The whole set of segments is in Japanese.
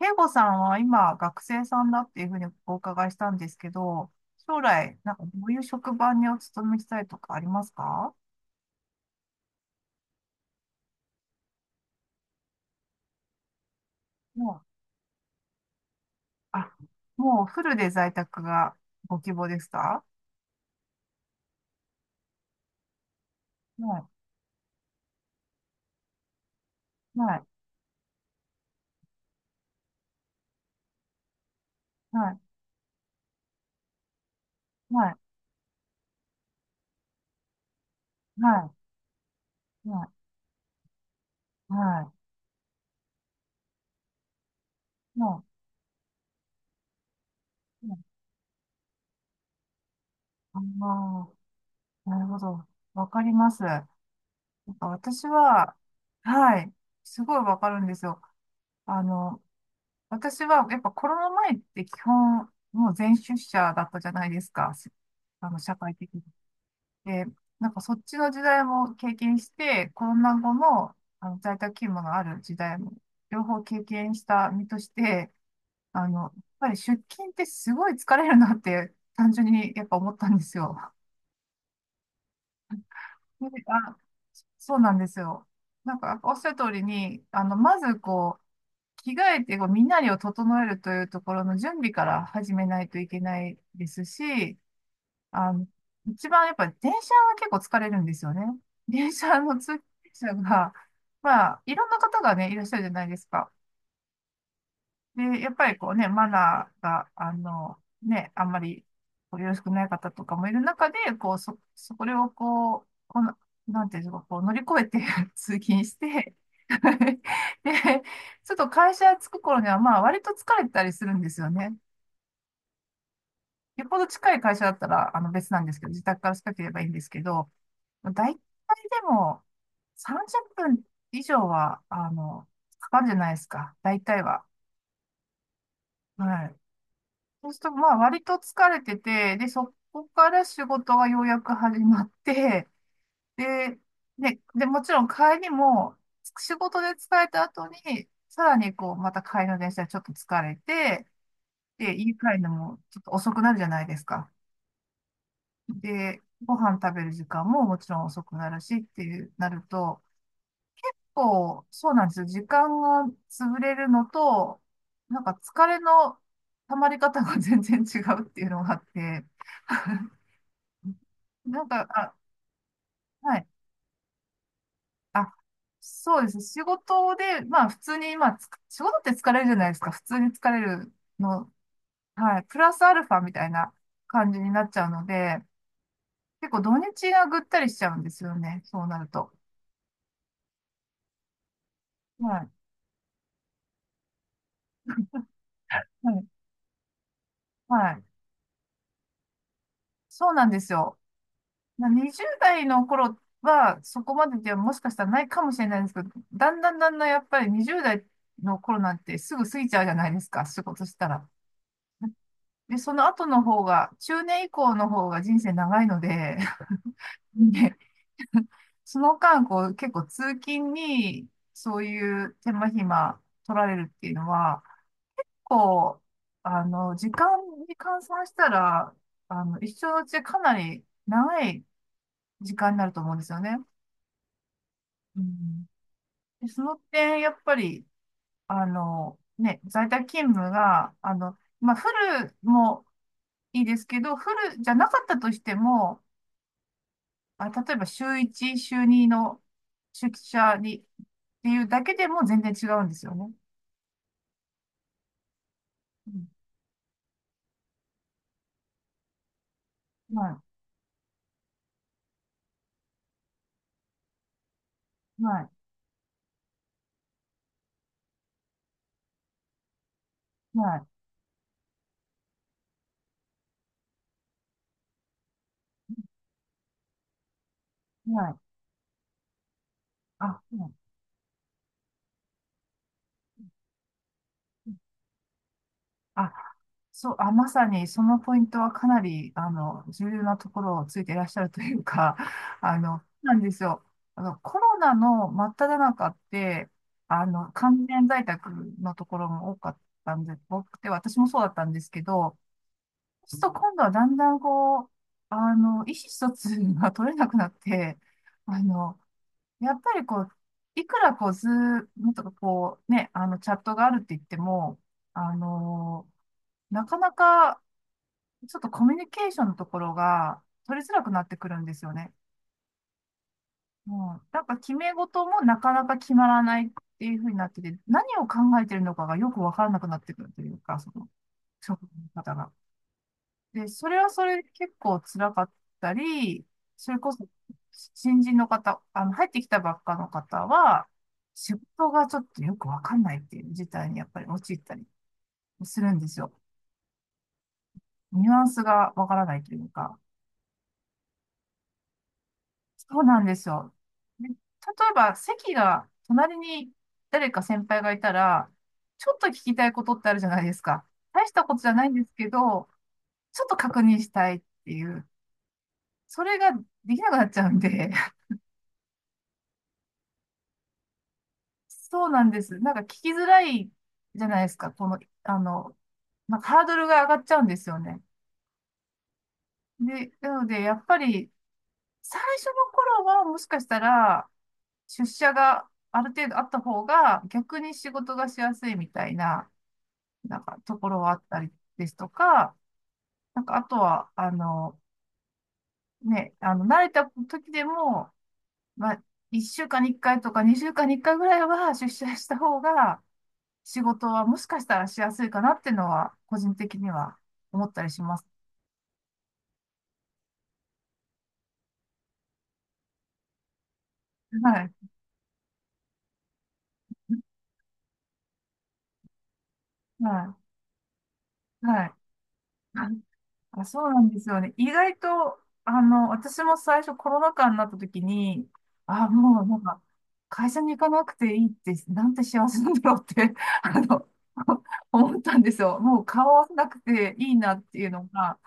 慶吾さんは今学生さんだっていうふうにお伺いしたんですけど、将来、なんかどういう職場にお勤めしたいとかありますか？もう、あ、もうフルで在宅がご希望ですか？はい、はい、はい、はい、はい、はい、はい、もう、ああー、なるほど。わかります。なんか私は、はい、すごいわかるんですよ。あの、私は、やっぱコロナ前って基本、もう全出社だったじゃないですか。し社会的に。で、なんかそっちの時代も経験して、コロナ後の、あの在宅勤務のある時代も、両方経験した身として、やっぱり出勤ってすごい疲れるなって、単純にやっぱ思ったんですよ。で、そうなんですよ。なんか、おっしゃる通りに、まずこう、着替えてこう身なりを整えるというところの準備から始めないといけないですし、あの、一番やっぱり電車は結構疲れるんですよね。電車の通勤者が、まあ、いろんな方がね、いらっしゃるじゃないですか。で、やっぱりこうね、マナーが、ね、あんまりこうよろしくない方とかもいる中で、こう、これをこう、この、なんていうんですか、こう乗り越えて 通勤して で、ちょっと会社着く頃には、まあ、割と疲れてたりするんですよね。よっぽど近い会社だったら、別なんですけど、自宅から近ければいいんですけど、大体でも、30分以上は、かかるじゃないですか。大体は。はい。そうすると、まあ、割と疲れてて、で、そこから仕事がようやく始まって、で、もちろん帰りも、仕事で疲れた後に、さらにこう、また帰りの電車でちょっと疲れて、で、家帰るのもちょっと遅くなるじゃないですか。で、ご飯食べる時間ももちろん遅くなるしっていう、なると、こう、そうなんですよ。時間が潰れるのと、なんか疲れの溜まり方が全然違うっていうのがあって、なんか、あ、はい。あ、そうです。仕事で、まあ普通に、まあつ、仕事って疲れるじゃないですか。普通に疲れるの、はい。プラスアルファみたいな感じになっちゃうので、結構土日がぐったりしちゃうんですよね。そうなると。はい。はい。はい。そうなんですよ。20代の頃はそこまでではもしかしたらないかもしれないんですけど、だんだんだんだんやっぱり20代の頃なんてすぐ過ぎちゃうじゃないですか。仕事したら。で、その後の方が、中年以降の方が人生長いので、でその間、こう、結構通勤に、そういう手間暇取られるっていうのは、こう、時間に換算したら、一生のうちかなり長い時間になると思うんですよね。うん、で、その点、やっぱり、ね、在宅勤務が、まあ、フルもいいですけど、フルじゃなかったとしても、あ、例えば週1、週2の出社にっていうだけでも全然違うんですよね。うん、はい、はい、はい、はい。あ、はいあ、そう、あ、まさにそのポイントはかなり、重要なところをついていらっしゃるというか、なんですよ。コロナの真っ只中って、完全在宅のところも多かったんで、多くて、私もそうだったんですけど、そうすると今度はだんだんこう、意思疎通が取れなくなって、あの、やっぱりこう、いくらこう、ズームとかこう、ね、チャットがあるって言っても、あの、なかなかちょっとコミュニケーションのところが取りづらくなってくるんですよね。もう、なんか決め事もなかなか決まらないっていうふうになってて、何を考えてるのかがよくわからなくなってくるというか、その、職の方が。で、それはそれで結構辛かったり、それこそ新人の方、入ってきたばっかの方は、仕事がちょっとよくわかんないっていう事態にやっぱり陥ったりするんですよ。ニュアンスがわからないというか。そうなんですよ。で、例えば席が隣に誰か先輩がいたら、ちょっと聞きたいことってあるじゃないですか。大したことじゃないんですけど、ちょっと確認したいっていう、それができなくなっちゃうんで、そうなんです。なんか聞きづらいじゃないですか。この、あの、なんかハードルが上がっちゃうんですよね。で、なので、やっぱり、最初の頃はもしかしたら、出社がある程度あった方が、逆に仕事がしやすいみたいな、なんかところはあったりですとか、なんかあとは、慣れた時でも、まあ、1週間に1回とか2週間に1回ぐらいは出社した方が、仕事はもしかしたらしやすいかなっていうのは、個人的には思ったりします。はい。はい。はい。あ、そうなんですよね。意外と、私も最初コロナ禍になった時に、あ、もうなんか、会社に行かなくていいって、なんて幸せなんだろうって、あの、思ったんですよ。もう顔合わせなくていいなっていうのが、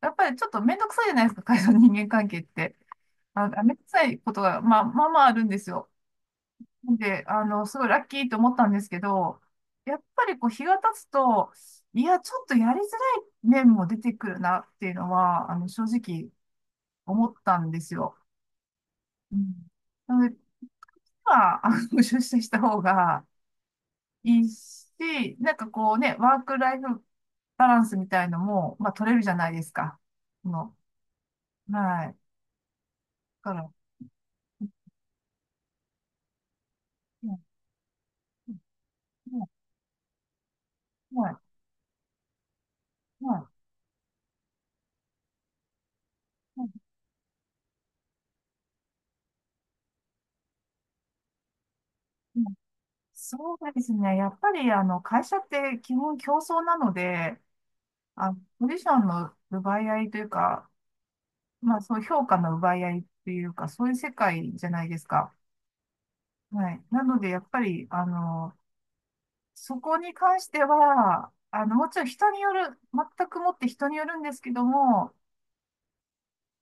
やっぱりちょっとめんどくさいじゃないですか、会社の人間関係って。あ、めんどくさいことが、まあ、まあまああるんですよ。なんで、すごいラッキーと思ったんですけど、やっぱりこう日が経つと、いや、ちょっとやりづらい面も出てくるなっていうのは、正直思ったんですよ。うん。なので、今出社した方がいいし、なんかこうね、ワークライフバランスみたいのも、まあ、取れるじゃないですか。その、はい。だから、うんうんうんうんうんうんそうですね。やっぱり、会社って基本競争なので、あ、ポジションの奪い合いというか、まあ、そう、評価の奪い合いというか、そういう世界じゃないですか。はい。なので、やっぱり、そこに関しては、もちろん人による、全くもって人によるんですけども、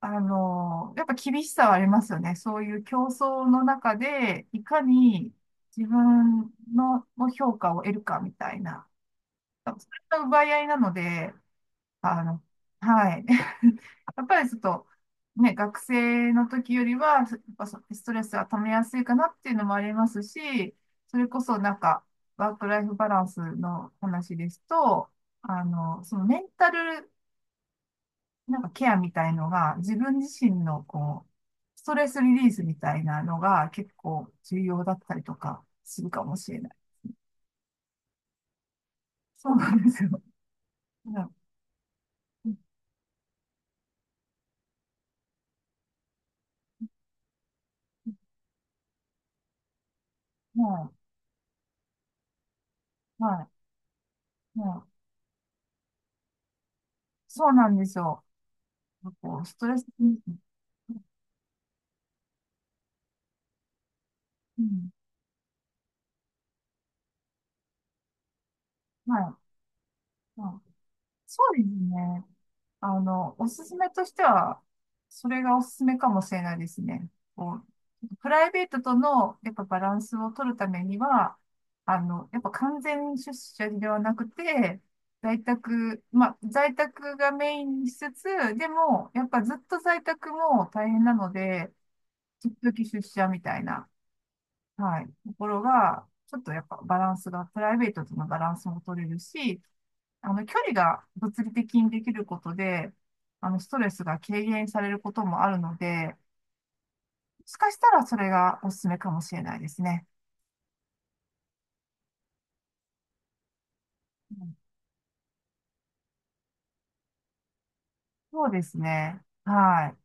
やっぱ厳しさはありますよね。そういう競争の中で、いかに自分の評価を得るかみたいな。そうそれの奪い合いなので、あの、はい。やっぱりちょっと、ね、学生の時よりは、やっぱストレスが溜めやすいかなっていうのもありますし、それこそなんか、ワークライフバランスの話ですと、そのメンタル、なんかケアみたいのが、自分自身のこう、ストレスリリースみたいなのが結構重要だったりとかするかもしれない。そうなんですよ。うんはい。はい。はいそうなんですよ。こう、ストレスに、ううん、はい。はいそうですね。おすすめとしては、それがおすすめかもしれないですね。こう、プライベートとの、やっぱバランスを取るためには、やっぱ完全出社ではなくて、在宅、まあ、在宅がメインにしつつ、でも、やっぱずっと在宅も大変なので、時々出社みたいな。はい。ところが、ちょっとやっぱバランスが、プライベートとのバランスも取れるし、距離が物理的にできることで、ストレスが軽減されることもあるので、もしかしたらそれがおすすめかもしれないですね。うんそうですね。はい。